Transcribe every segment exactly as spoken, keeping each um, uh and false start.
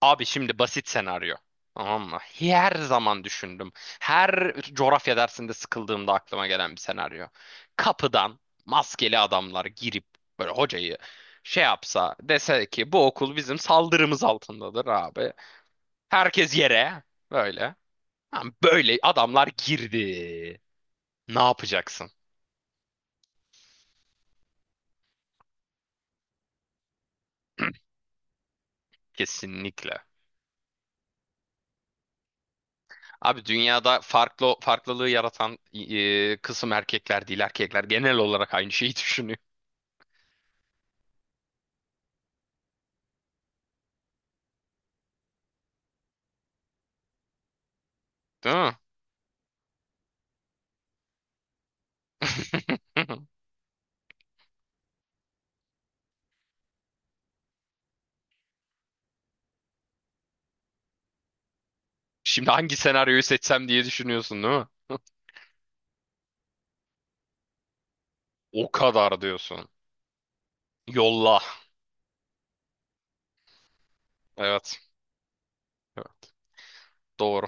Abi şimdi basit senaryo. Tamam mı? Her zaman düşündüm. Her coğrafya dersinde sıkıldığımda aklıma gelen bir senaryo. Kapıdan maskeli adamlar girip böyle hocayı şey yapsa dese ki bu okul bizim saldırımız altındadır abi. Herkes yere böyle. Ha, böyle adamlar girdi. Ne yapacaksın? Kesinlikle. Abi dünyada farklı farklılığı yaratan e, kısım erkekler değil. Erkekler genel olarak aynı şeyi düşünüyor. Değil mi? Şimdi hangi senaryoyu seçsem diye düşünüyorsun, değil mi? O kadar diyorsun. Yolla. Evet. Doğru.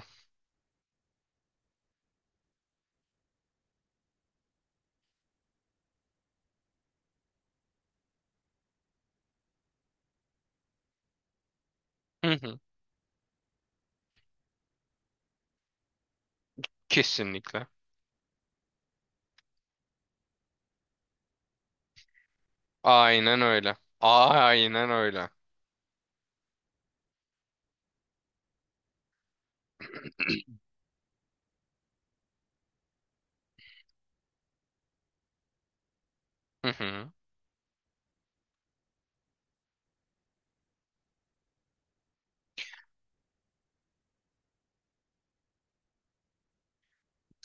Hı hı. Kesinlikle. Aynen öyle. Aynen öyle. Hı hı.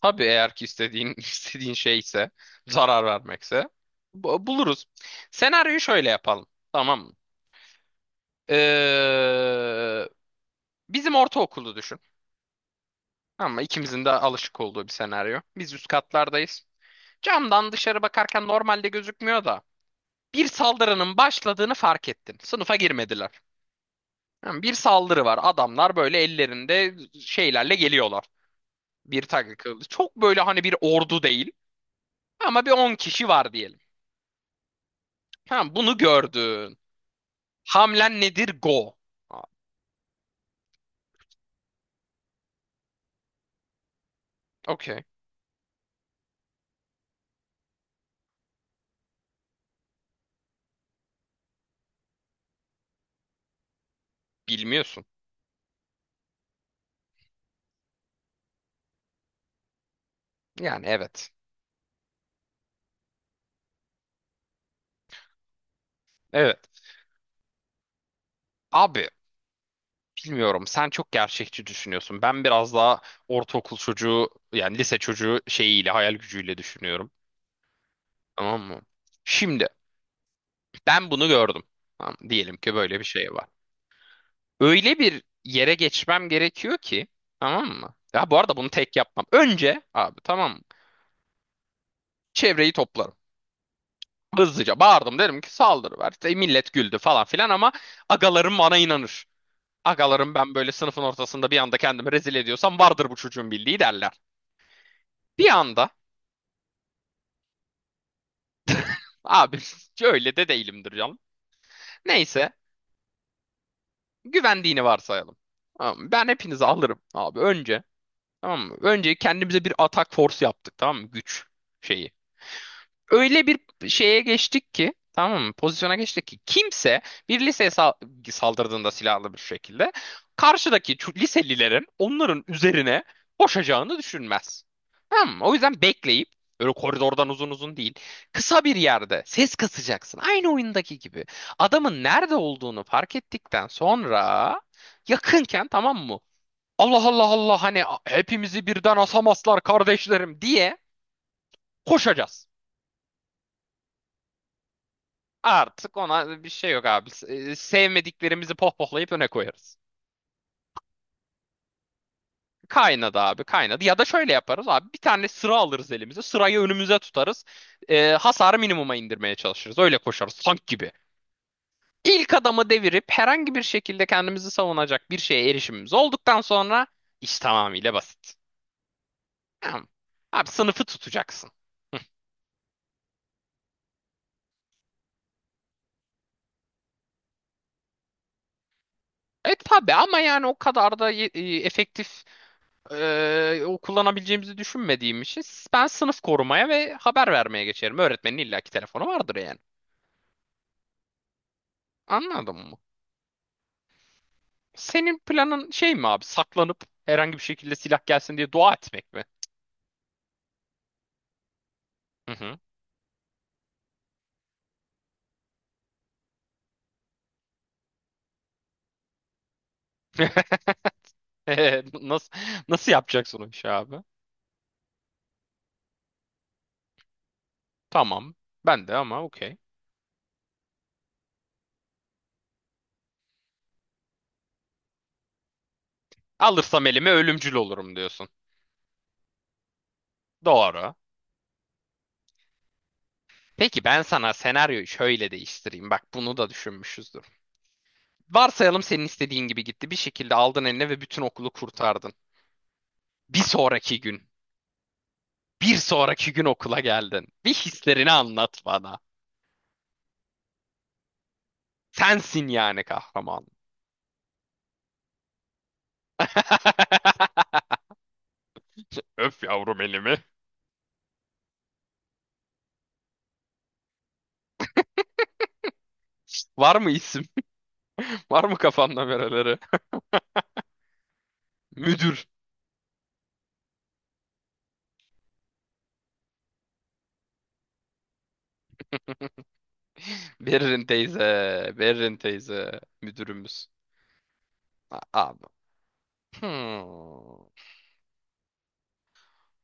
Tabii eğer ki istediğin istediğin şeyse, zarar vermekse bu- buluruz. Senaryoyu şöyle yapalım. Tamam mı? Ee, bizim ortaokulu düşün. Ama ikimizin de alışık olduğu bir senaryo. Biz üst katlardayız. Camdan dışarı bakarken normalde gözükmüyor da bir saldırının başladığını fark ettin. Sınıfa girmediler. Yani bir saldırı var. Adamlar böyle ellerinde şeylerle geliyorlar. Bir takı çok böyle hani bir ordu değil ama bir on kişi var diyelim. Tamam bunu gördün. Hamlen nedir? Go. Aa, okey. Bilmiyorsun. Yani evet. Evet. Abi bilmiyorum, sen çok gerçekçi düşünüyorsun. Ben biraz daha ortaokul çocuğu yani lise çocuğu şeyiyle, hayal gücüyle düşünüyorum. Tamam mı? Şimdi ben bunu gördüm. Tamam, diyelim ki böyle bir şey var. Öyle bir yere geçmem gerekiyor ki, tamam mı? Ya bu arada bunu tek yapmam. Önce abi, tamam mı? Çevreyi toplarım. Hızlıca bağırdım, derim ki saldırı var. İşte millet güldü falan filan ama agalarım bana inanır. Agalarım, ben böyle sınıfın ortasında bir anda kendimi rezil ediyorsam vardır bu çocuğun bildiği, derler. Bir anda abi öyle de değilimdir canım. Neyse, güvendiğini varsayalım. Tamam mı? Ben hepinizi alırım abi önce. Tamam mı? Önce kendimize bir atak force yaptık, tamam mı? Güç şeyi. Öyle bir şeye geçtik ki, tamam mı? Pozisyona geçtik ki kimse bir liseye sal- saldırdığında silahlı bir şekilde karşıdaki çu- liselilerin onların üzerine koşacağını düşünmez. Tamam mı? O yüzden bekleyip öyle koridordan uzun uzun değil. Kısa bir yerde ses kasacaksın. Aynı oyundaki gibi. Adamın nerede olduğunu fark ettikten sonra, yakınken, tamam mı? Allah Allah Allah, hani hepimizi birden asamazlar kardeşlerim diye koşacağız. Artık ona bir şey yok abi. Se- Sevmediklerimizi pohpohlayıp öne koyarız. Kaynadı abi, kaynadı. Ya da şöyle yaparız abi, bir tane sıra alırız elimize. Sırayı önümüze tutarız. Ee, hasarı minimuma indirmeye çalışırız. Öyle koşarız tank gibi. İlk adamı devirip herhangi bir şekilde kendimizi savunacak bir şeye erişimimiz olduktan sonra iş tamamıyla basit. Tamam. Abi sınıfı tutacaksın. Evet tabii, ama yani o kadar da e, efektif. Ee, o kullanabileceğimizi düşünmediğim için ben sınıf korumaya ve haber vermeye geçerim. Öğretmenin illaki telefonu vardır yani. Anladın mı? Senin planın şey mi abi? Saklanıp herhangi bir şekilde silah gelsin diye dua etmek mi? Hı hı. Ee, Nasıl nasıl yapacaksın o işi abi? Tamam. Ben de ama okey. Alırsam elime ölümcül olurum diyorsun. Doğru. Peki ben sana senaryoyu şöyle değiştireyim. Bak bunu da düşünmüşüzdür. Varsayalım senin istediğin gibi gitti. Bir şekilde aldın eline ve bütün okulu kurtardın. Bir sonraki gün, bir sonraki gün okula geldin. Bir hislerini anlat bana. Sensin yani kahraman. Öf yavrum elimi. Var mı isim? Var mı kafanda bereleri? Müdür. Berin teyze. Berin teyze. Müdürümüz. Abi. Hmm.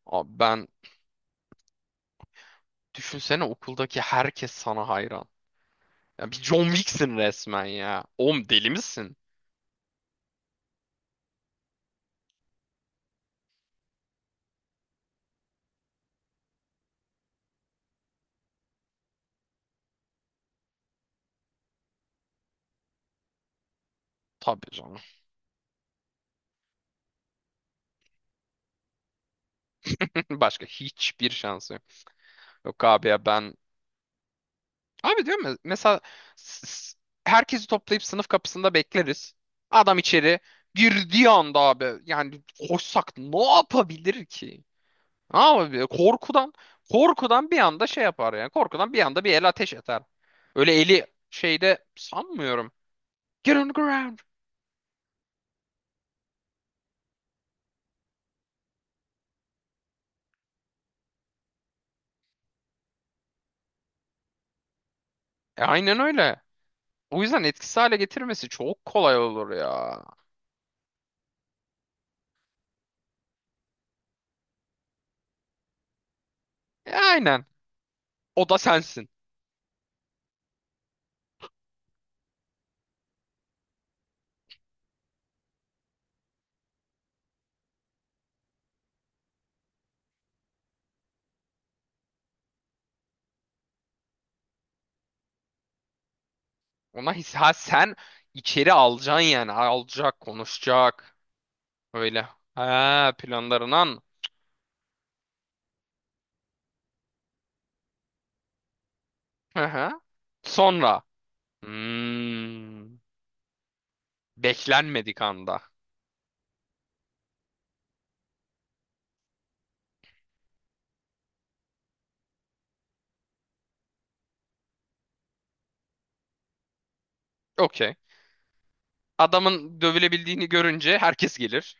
Abi ben, düşünsene okuldaki herkes sana hayran. Ya bir John Wick'sin resmen ya. Oğlum deli misin? Tabii canım. Başka hiçbir şansı yok. Yok abi ya ben. Abi diyorum ya, mesela s- s- herkesi toplayıp sınıf kapısında bekleriz. Adam içeri girdiği anda abi yani koşsak ne yapabilir ki? Abi korkudan, korkudan bir anda şey yapar yani, korkudan bir anda bir el ateş eder. Öyle eli şeyde sanmıyorum. Get on the ground. E, aynen öyle. O yüzden etkisiz hale getirmesi çok kolay olur ya. E, aynen. O da sensin. Ona his ha, sen içeri alacaksın yani. Alacak, konuşacak. Öyle. Ha, planlarından. Hı hı. Sonra. Hmm, beklenmedik anda. Okey. Adamın dövülebildiğini görünce herkes gelir.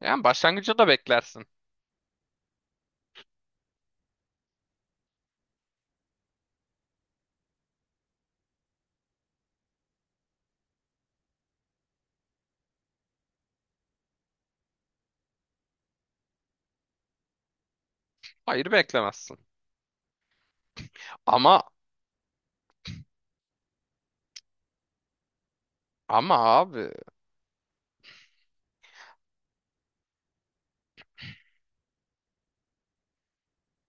Yani başlangıçta da beklersin. Hayır beklemezsin. Ama ama abi.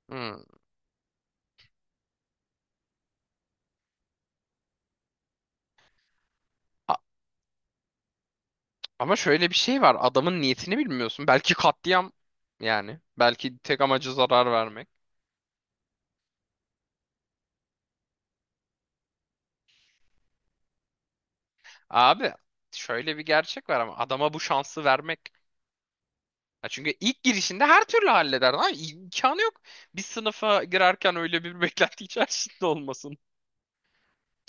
hmm, a- ama şöyle bir şey var. Adamın niyetini bilmiyorsun. Belki katliam yani. Belki tek amacı zarar vermek. Abi şöyle bir gerçek var ama adama bu şansı vermek. Ya çünkü ilk girişinde her türlü halleder. Lan imkanı yok. Bir sınıfa girerken öyle bir beklenti içerisinde olmasın.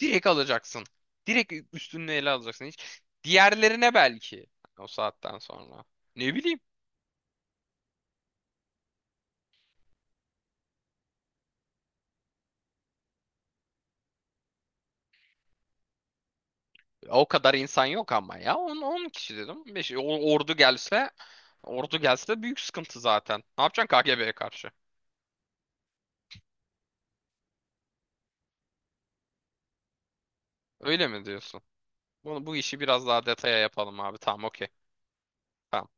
Direkt alacaksın. Direkt üstünü ele alacaksın. Hiç diğerlerine, belki o saatten sonra. Ne bileyim. O kadar insan yok ama ya. on on kişi dedim. Beş- ordu gelse, ordu gelse büyük sıkıntı zaten. Ne yapacaksın K G B'ye karşı? Öyle mi diyorsun? Bunu bu işi biraz daha detaya yapalım abi. Tamam, okey. Tamam.